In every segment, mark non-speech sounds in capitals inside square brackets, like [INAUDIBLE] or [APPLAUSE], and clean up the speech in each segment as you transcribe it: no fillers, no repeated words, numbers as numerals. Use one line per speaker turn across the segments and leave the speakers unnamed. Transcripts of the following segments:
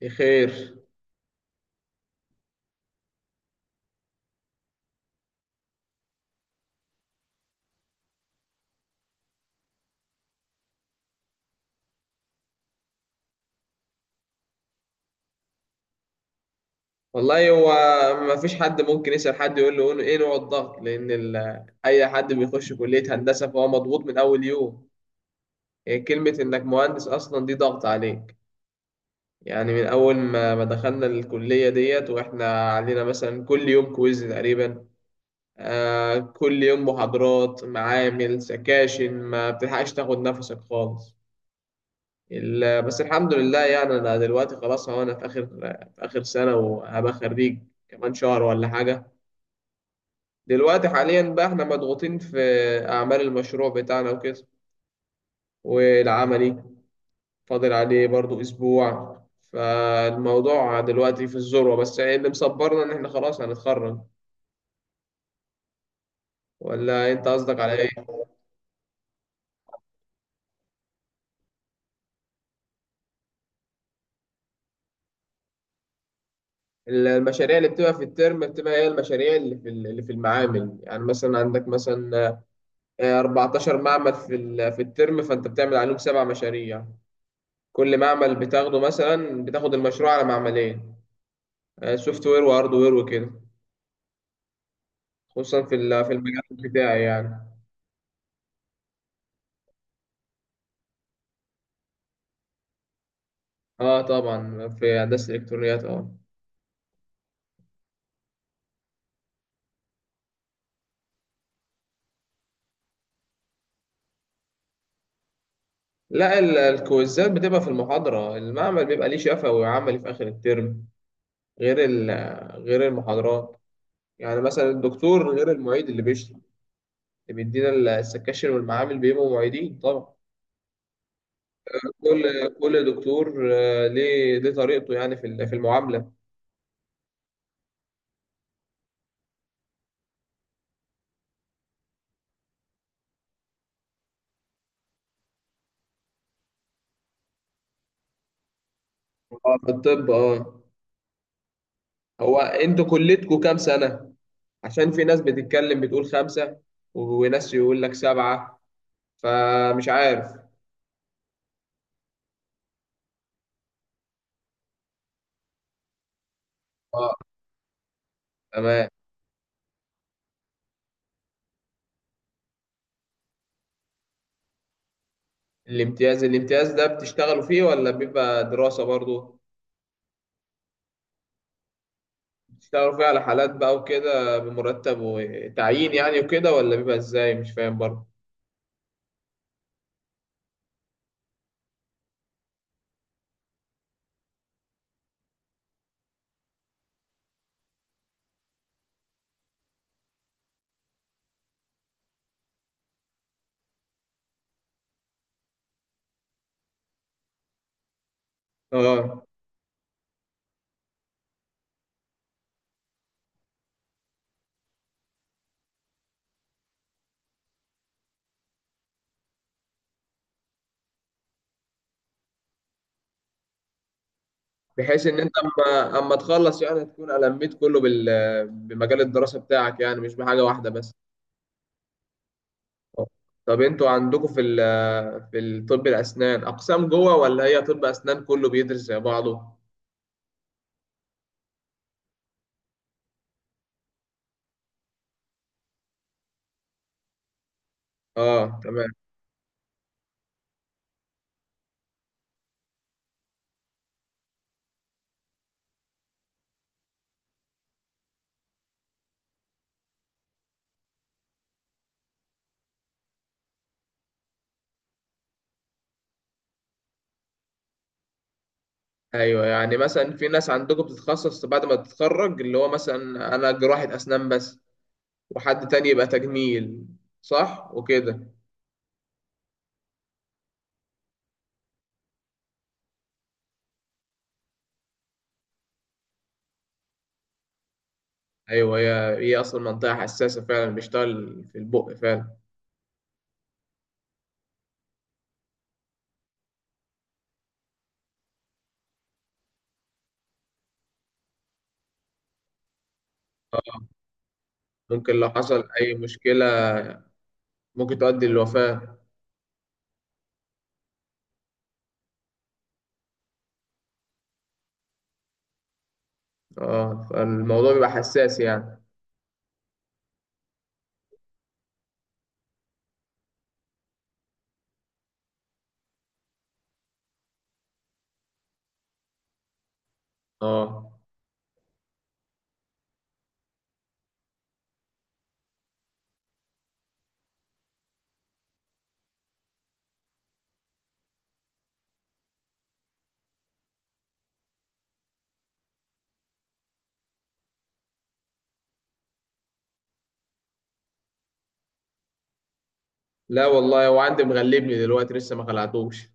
بخير. والله هو ما فيش حد ممكن يسأل حد يقول له ايه نوع الضغط، لأن أي حد بيخش كلية هندسة فهو مضغوط من أول يوم. هي كلمة إنك مهندس أصلا دي ضغط عليك. يعني من أول ما دخلنا الكلية ديت وإحنا علينا مثلا كل يوم كويز تقريبا. كل يوم محاضرات معامل سكاشن، ما بتلحقش تاخد نفسك خالص. بس الحمد لله، يعني أنا دلوقتي خلاص، هو أنا في آخر سنة وهبقى خريج كمان شهر ولا حاجة. دلوقتي حاليا بقى احنا مضغوطين في أعمال المشروع بتاعنا وكده، والعملي فاضل عليه برضو أسبوع. فالموضوع دلوقتي في الذروة، بس اللي مصبرنا إن احنا خلاص هنتخرج. ولا أنت قصدك على إيه؟ المشاريع اللي بتبقى في الترم بتبقى هي المشاريع اللي في المعامل. يعني مثلا عندك مثلا 14 معمل في الترم، فأنت بتعمل عليهم 7 مشاريع. كل معمل بتاخده مثلا بتاخد المشروع على معملين، سوفت وير وهارد وير وكده، خصوصا في المجال بتاعي يعني. اه، طبعا في هندسه الالكترونيات اه. لا، الكويزات بتبقى في المحاضره. المعمل بيبقى ليه شفوي وعملي في اخر الترم، غير غير المحاضرات. يعني مثلا الدكتور غير المعيد اللي بيشرح، اللي بيدينا السكاشن والمعامل بيبقوا معيدين طبعا. كل كل دكتور ليه طريقته، يعني في المعامله. اه، في الطب اه. هو انتوا كلتكم كام سنه؟ عشان في ناس بتتكلم بتقول 5 وناس يقول لك 7، فمش عارف. اه، تمام. الامتياز، الامتياز ده بتشتغلوا فيه ولا بيبقى دراسة برضو؟ بتشتغلوا فيه على حالات بقى وكده، بمرتب وتعيين يعني وكده، ولا بيبقى ازاي؟ مش فاهم برضو. اه، بحيث ان انت اما تخلص، يعني تكون لميت كله بمجال الدراسة بتاعك، يعني مش بحاجة واحدة بس. آه. طب انتوا عندكم في الطب الاسنان اقسام جوه، ولا هي طب اسنان كله بيدرس زي بعضه؟ اه، تمام. ايوه، يعني مثلا في ناس عندكم بتتخصص بعد ما تتخرج، اللي هو مثلا انا جراحة اسنان بس، وحد تاني يبقى تجميل، صح؟ وكده. ايوه، هي اصلا منطقة حساسة، فعلا بيشتغل في البق فعلا. آه، ممكن لو حصل اي مشكلة ممكن تؤدي للوفاة. اه، فالموضوع بيبقى حساس يعني. اه. لا والله، هو عندي مغلبني دلوقتي لسه ما خلعتوش.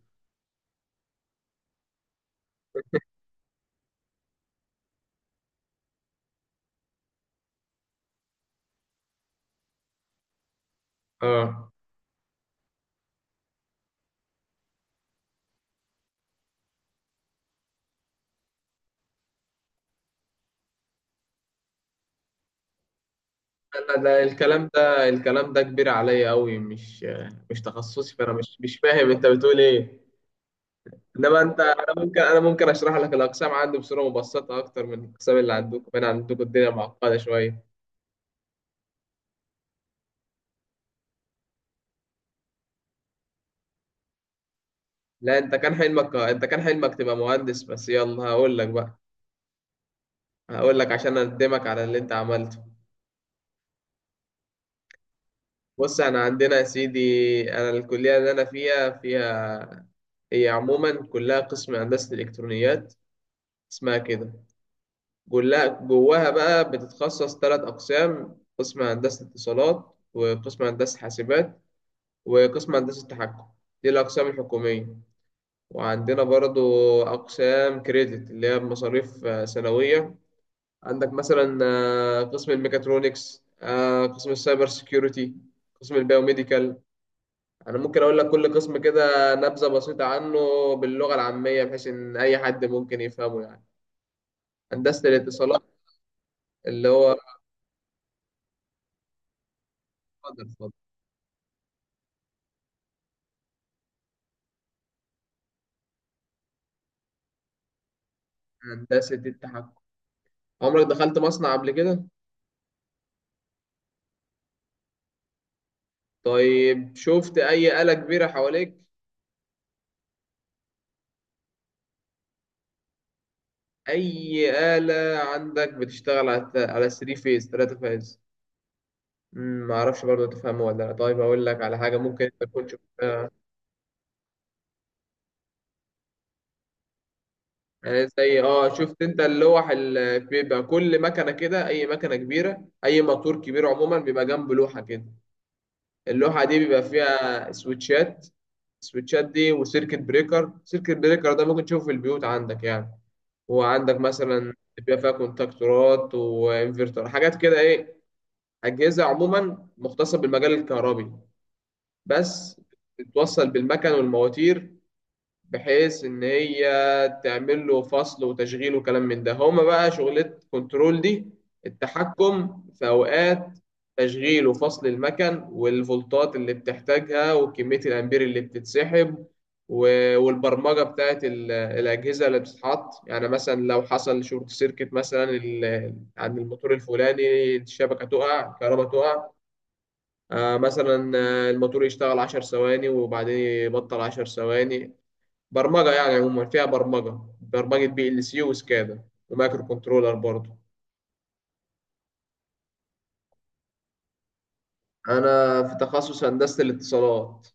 اه، انا ده الكلام، ده الكلام ده كبير عليا قوي، مش تخصصي، فانا مش فاهم انت بتقول ايه. انما انا ممكن اشرح لك الاقسام عندي بصوره مبسطه اكتر من الاقسام اللي عندكم، انا عندكم الدنيا معقده شويه. لا، انت كان حلمك تبقى مهندس بس، يلا هقول لك بقى، هقول لك عشان اقدمك على اللي انت عملته. بص، انا عندنا يا سيدي، انا الكليه اللي انا فيها هي عموما كلها قسم هندسه الالكترونيات، اسمها كده. جواها بقى بتتخصص 3 أقسام: قسم هندسة اتصالات، وقسم هندسة حاسبات، وقسم هندسة تحكم. دي الأقسام الحكومية. وعندنا برضو أقسام كريدت، اللي هي مصاريف سنوية. عندك مثلا قسم الميكاترونكس، قسم السايبر سيكيورتي، قسم البيوميديكال. أنا ممكن أقول لك كل قسم كده نبذة بسيطة عنه، باللغة العامية، بحيث إن أي حد ممكن يفهمه. يعني هندسة الاتصالات اللي هو... اتفضل، اتفضل. هندسة التحكم. عمرك دخلت مصنع قبل كده؟ طيب شفت أي آلة كبيرة حواليك؟ أي آلة عندك بتشتغل على على 3 فيز، 3 فيز. معرفش برضه تفهمه ولا لا. طيب أقول لك على حاجة ممكن أنت تكون شفتها، يعني زي شفت أنت اللوح اللي بيبقى كل مكنة كده، أي مكنة كبيرة، أي موتور كبير عموما بيبقى جنب لوحة كده. اللوحة دي بيبقى فيها سويتشات. السويتشات دي وسيركت بريكر، سيركت بريكر ده ممكن تشوفه في البيوت عندك يعني. هو عندك مثلا بيبقى فيها كونتاكتورات وانفرتر، حاجات كده ايه، اجهزه عموما مختصه بالمجال الكهربي بس، بتوصل بالمكن والمواتير، بحيث ان هي تعمل له فصل وتشغيل وكلام من ده، هما بقى شغلة كنترول دي. التحكم في اوقات تشغيل وفصل المكن، والفولتات اللي بتحتاجها، وكمية الامبير اللي بتتسحب، والبرمجة بتاعت الأجهزة اللي بتتحط، يعني مثلا لو حصل شورت سيركت مثلا عند الموتور الفلاني، الشبكة تقع، الكهرباء تقع، مثلا الموتور يشتغل 10 ثواني وبعدين يبطل 10 ثواني. برمجة يعني، عموما فيها برمجة بي ال سي وسكادا ومايكرو كنترولر برضه. أنا في تخصص هندسة الاتصالات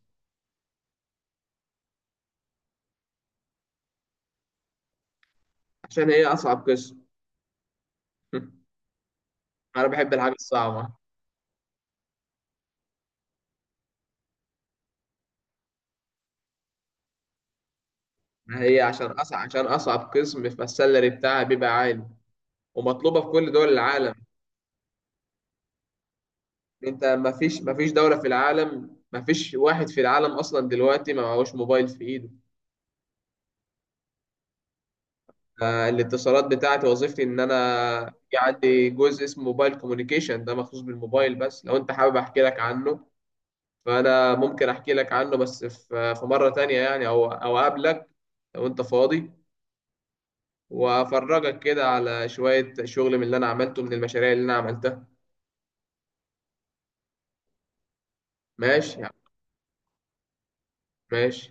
عشان هي أصعب قسم. [LAUGHS] أنا بحب الحاجة الصعبة. هي عشان أصعب قسم، فالسالري بتاعها بيبقى عالي ومطلوبة في كل دول العالم. أنت مفيش دولة في العالم، مفيش واحد في العالم أصلا دلوقتي ما معهوش موبايل في إيده. الاتصالات بتاعتي وظيفتي ان انا في عندي جزء اسمه موبايل كوميونيكيشن، ده مخصوص بالموبايل بس، لو انت حابب احكي لك عنه فانا ممكن احكي لك عنه، بس في مرة تانية يعني، او اقابلك لو انت فاضي وافرجك كده على شوية شغل من اللي انا عملته من المشاريع اللي انا عملتها. ماشي يعني، ماشي.